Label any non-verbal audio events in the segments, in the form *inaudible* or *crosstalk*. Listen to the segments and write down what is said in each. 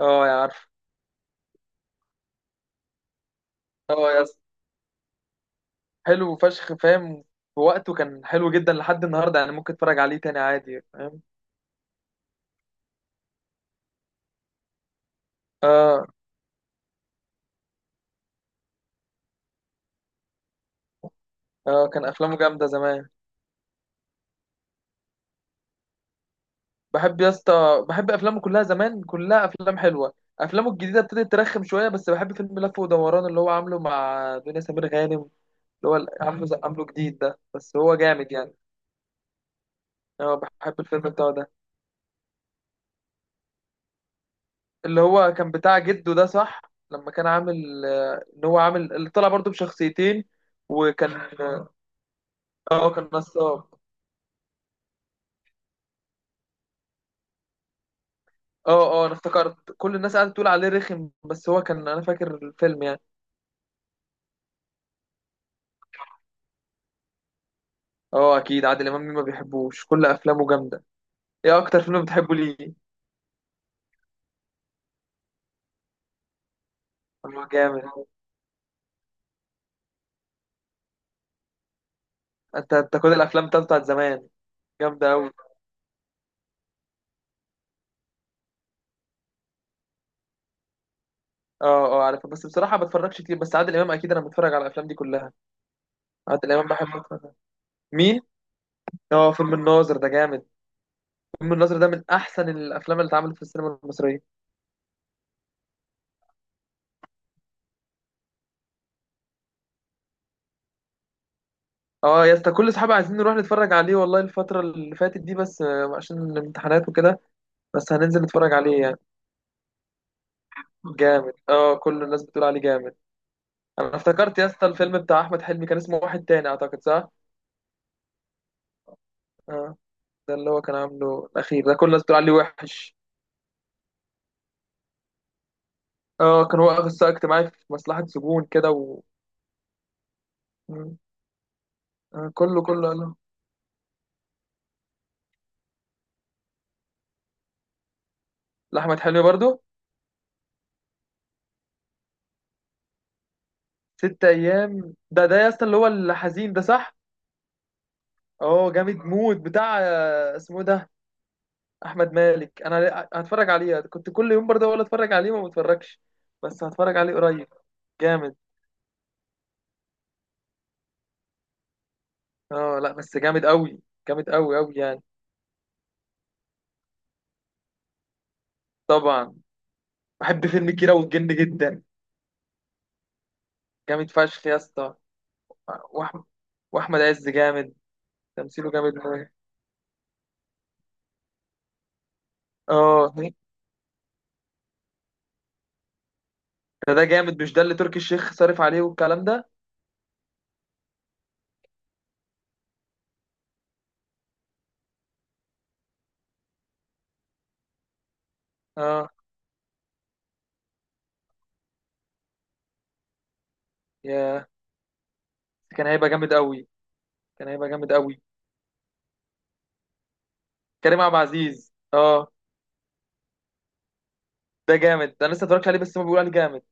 اه، يا عارف. اه يا اسطى، حلو فشخ، فاهم. في وقته كان حلو جدا لحد النهارده، يعني ممكن اتفرج عليه تاني عادي، فاهم. اه اه كان افلامه جامده زمان. بحب يا اسطى، بحب افلامه كلها زمان، كلها افلام حلوه. افلامه الجديده ابتدت ترخم شويه، بس بحب فيلم لف ودوران اللي هو عامله مع دنيا سمير غانم. اللي هو عامله *laughs* عامله جديد ده، بس هو جامد يعني. اه، بحب الفيلم بتاعه ده. اللي هو كان بتاع جده ده، صح؟ لما كان عامل ان هو عامل اللي طلع برضه بشخصيتين. وكان، اه كان نصاب. اه انا افتكرت كل الناس قاعده تقول عليه رخم، بس هو كان، انا فاكر الفيلم يعني. اه اكيد، عادل امام مين ما بيحبوش؟ كل افلامه جامده. ايه اكتر فيلم بتحبه ليه؟ هو جامد. انت كل الافلام بتاعته بتاعت زمان جامده قوي. اه اه، عارفها، بس بصراحه ما بتفرجش كتير، بس عادل امام اكيد انا بتفرج على الافلام دي كلها. عادل امام بحب اتفرج. مين؟ اه فيلم الناظر ده جامد. فيلم الناظر ده من احسن الافلام اللي اتعملت في السينما المصريه. اه يا اسطى، كل اصحابي عايزين نروح نتفرج عليه والله الفتره اللي فاتت دي، بس عشان الامتحانات وكده. بس هننزل نتفرج عليه يعني. جامد، اه كل الناس بتقول عليه جامد. انا افتكرت يا اسطى الفيلم بتاع احمد حلمي كان اسمه واحد تاني، اعتقد، صح؟ اه، ده اللي هو كان عامله الاخير ده، كل الناس بتقول عليه وحش. اه، كان واقف السقا اجتماعي في مصلحة سجون كده، و مم. آه، كله كله قال له. لاحمد حلمي برضو. ست ايام ده ده يا اسطى اللي هو الحزين ده، صح؟ اه جامد موت. بتاع اسمه إيه ده؟ احمد مالك. انا هتفرج عليه، كنت كل يوم برضه اقول اتفرج عليه، ما بتفرجش، بس هتفرج عليه قريب. جامد. اه لا بس جامد قوي، جامد قوي قوي يعني. طبعا، بحب فيلم كيرة والجن جدا. جامد فشخ يا اسطى. واحمد، واحمد عز جامد، تمثيله جامد أوي. اه ده جامد، مش ده اللي تركي الشيخ صارف عليه والكلام ده؟ اه، يا كان هيبقى جامد قوي. كان هيبقى جامد قوي. كريم عبد العزيز، اه ده جامد. ده انا لسه اتفرجت عليه، بس ما بيقول عليه جامد.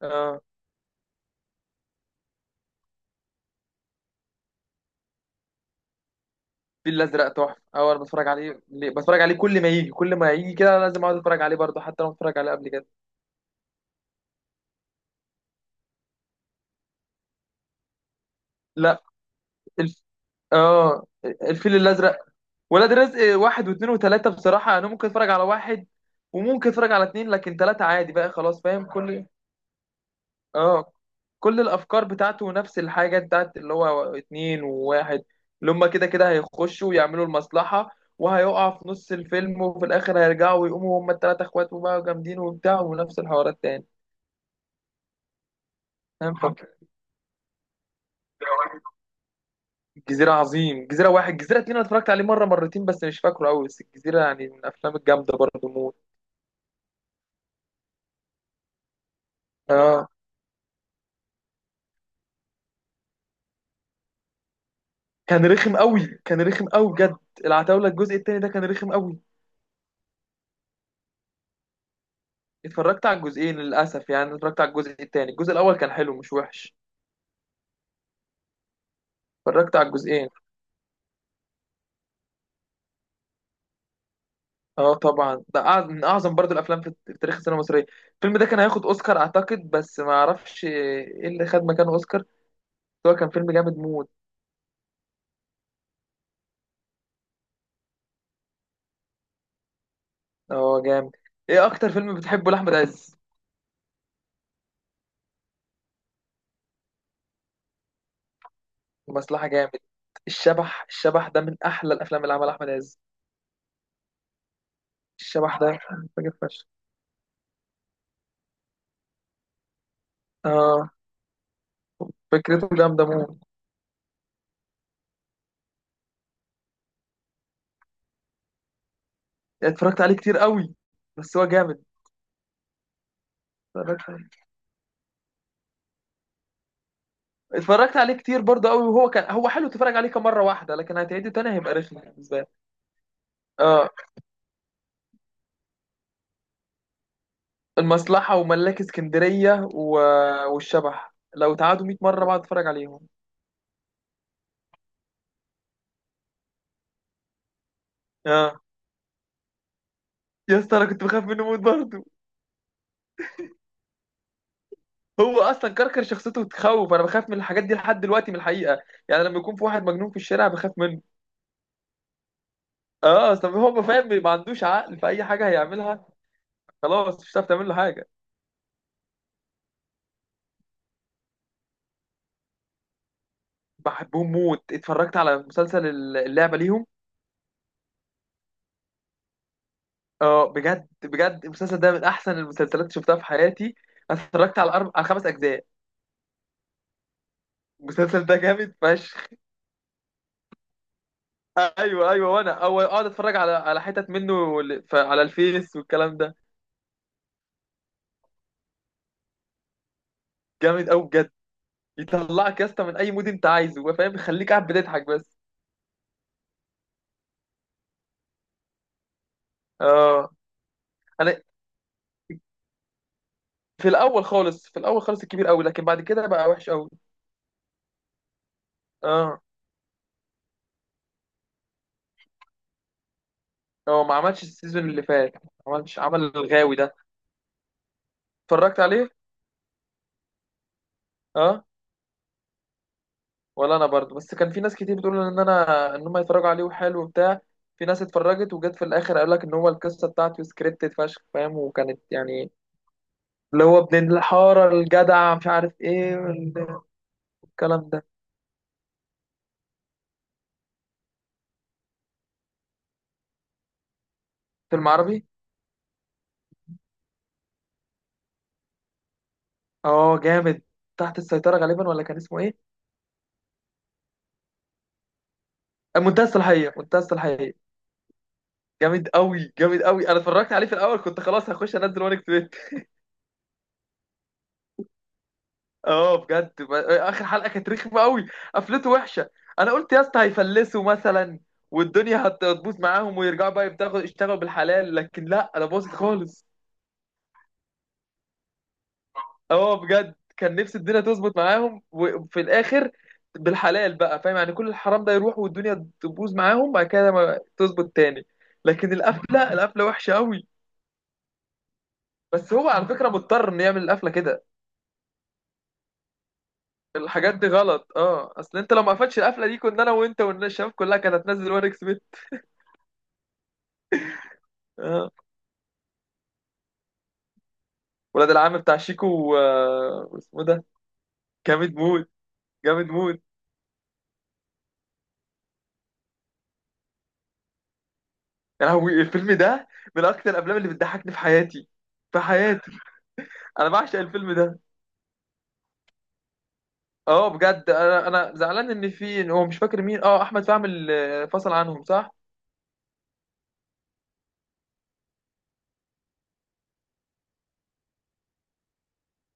اه الفيل الازرق تحفه. اول ما بتفرج عليه بتفرج عليه، كل ما يجي كل ما يجي كده لازم اقعد اتفرج عليه برضه، حتى لو اتفرج عليه قبل كده. لا، الف... اه الفيل الازرق، ولاد رزق واحد واثنين وثلاثه. بصراحه انا ممكن اتفرج على واحد، وممكن اتفرج على اثنين، لكن ثلاثه عادي بقى خلاص، فاهم. كل، اه كل الافكار بتاعته نفس الحاجه، بتاعت اللي هو اتنين وواحد، اللي هما كده كده هيخشوا ويعملوا المصلحه، وهيقع في نص الفيلم، وفي الاخر هيرجعوا ويقوموا هما الثلاثه اخوات وبقوا جامدين وبتاع، ونفس الحوارات تاني، فاهم. الجزيرة عظيم، الجزيرة واحد الجزيرة اتنين، أنا اتفرجت عليه مرة مرتين بس مش فاكره أوي، بس الجزيرة يعني من الأفلام الجامدة برضه موت. آه، كان رخم أوي كان رخم أوي بجد. العتاولة الجزء التاني ده كان رخم أوي. اتفرجت على الجزئين للأسف، يعني أنا اتفرجت على الجزء التاني، الجزء الأول كان حلو مش وحش. اتفرجت على الجزئين. اه طبعا، ده من أعظم برضه الأفلام في في تاريخ السينما المصرية. الفيلم ده كان هياخد أوسكار أعتقد، بس ما أعرفش إيه اللي خد مكانه أوسكار بس. هو كان فيلم جامد موت. اه جامد. إيه أكتر فيلم بتحبه لأحمد عز؟ مصلحة جامد. الشبح، الشبح ده من أحلى الأفلام اللي عملها أحمد عز. الشبح ده فاجر فشخ. آه، فكرته جامدة موت. اتفرجت عليه كتير قوي، بس هو جامد. اتفرجت عليه. اتفرجت عليه كتير برضه قوي، وهو كان، هو حلو تتفرج عليه كام مرة واحدة، لكن هتعيده تاني هيبقى رخم بالنسبة لي. آه، المصلحة وملاك اسكندرية و... والشبح لو تعادوا 100 مرة بقعد اتفرج عليهم. آه يا اسطى، انا كنت بخاف منه موت برضه. هو اصلا كركر شخصيته تخوف، انا بخاف من الحاجات دي لحد دلوقتي من الحقيقه، يعني لما يكون في واحد مجنون في الشارع بخاف منه. اه، اصل هو ما فاهم، ما عندوش عقل في اي حاجه هيعملها، خلاص مش هتعرف تعمل له حاجه. بحبهم موت. اتفرجت على مسلسل اللعبه ليهم. اه بجد بجد، المسلسل ده من احسن المسلسلات اللي شفتها في حياتي. انا اتفرجت على خمس اجزاء. المسلسل ده جامد فشخ. ايوه ايوه، وانا اول اقعد اتفرج على حتت منه على الفيس والكلام ده. جامد قوي بجد. يطلعك يا اسطى من اي مود انت عايزه، هو فاهم، يخليك قاعد بتضحك بس. اه انا في الاول خالص في الاول خالص الكبير قوي، لكن بعد كده بقى وحش قوي. اه هو ما عملش السيزون اللي فات، ما عملش، عمل الغاوي ده. اتفرجت عليه. اه، ولا انا برضو، بس كان في ناس كتير بتقول ان انا ان هم يتفرجوا عليه وحلو وبتاع. في ناس اتفرجت وجت في الاخر قال لك ان هو القصه بتاعته سكريبتد فشخ، فاهم، وكانت يعني اللي هو ابن الحاره الجدع مش عارف ايه والكلام ده. فيلم عربي؟ اه جامد. تحت السيطرة غالبا، ولا كان اسمه ايه؟ منتهى الصلاحية، منتهى الصلاحية. جامد قوي، جامد قوي. انا اتفرجت عليه في الاول كنت خلاص هخش انزل وان كتبت. اه بجد، اخر حلقة كانت رخمة قوي، قفلته وحشة. انا قلت يا اسطى هيفلسوا مثلا، والدنيا هتبوظ معاهم ويرجعوا بقى يبتغوا يشتغلوا بالحلال، لكن لا، انا باظت خالص. اه بجد كان نفسي الدنيا تظبط معاهم، وفي الاخر بالحلال بقى فاهم يعني، كل الحرام ده يروح والدنيا تبوظ معاهم بعد كده ما تظبط تاني. لكن القفله، القفله وحشه قوي. بس هو على فكره مضطر انه يعمل القفله كده، الحاجات دي غلط. اه اصل انت لو ما قفلتش القفله دي، كنا انا وانت والناس الشباب كلها كانت هتنزل واريك سميث. اه، ولاد العم بتاع شيكو و... واسمه ده. جامد موت، جامد موت. يعني هو الفيلم ده من اكتر الافلام اللي بتضحكني في حياتي، في حياتي. انا بعشق الفيلم ده. اه بجد، انا زعلان ان في، إن هو مش فاكر مين، اه احمد فهمي اللي فصل عنهم، صح؟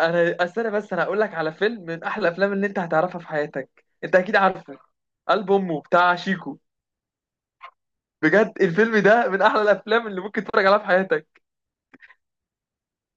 انا استنى بس، انا هقول لك على فيلم من احلى الافلام اللي انت هتعرفها في حياتك، انت اكيد عارفه. قلب امه بتاع شيكو. بجد الفيلم ده من احلى الافلام اللي ممكن تتفرج عليها في حياتك.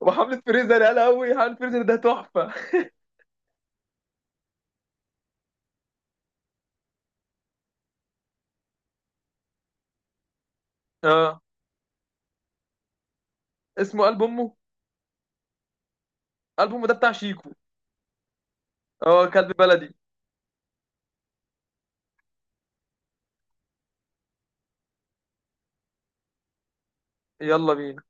وحملة فريزر، يا قوي، حملة فريزر ده تحفه. اه اسمه قلب امه. قلب امه ده بتاع شيكو. اه كلب بلدي. يلا بينا.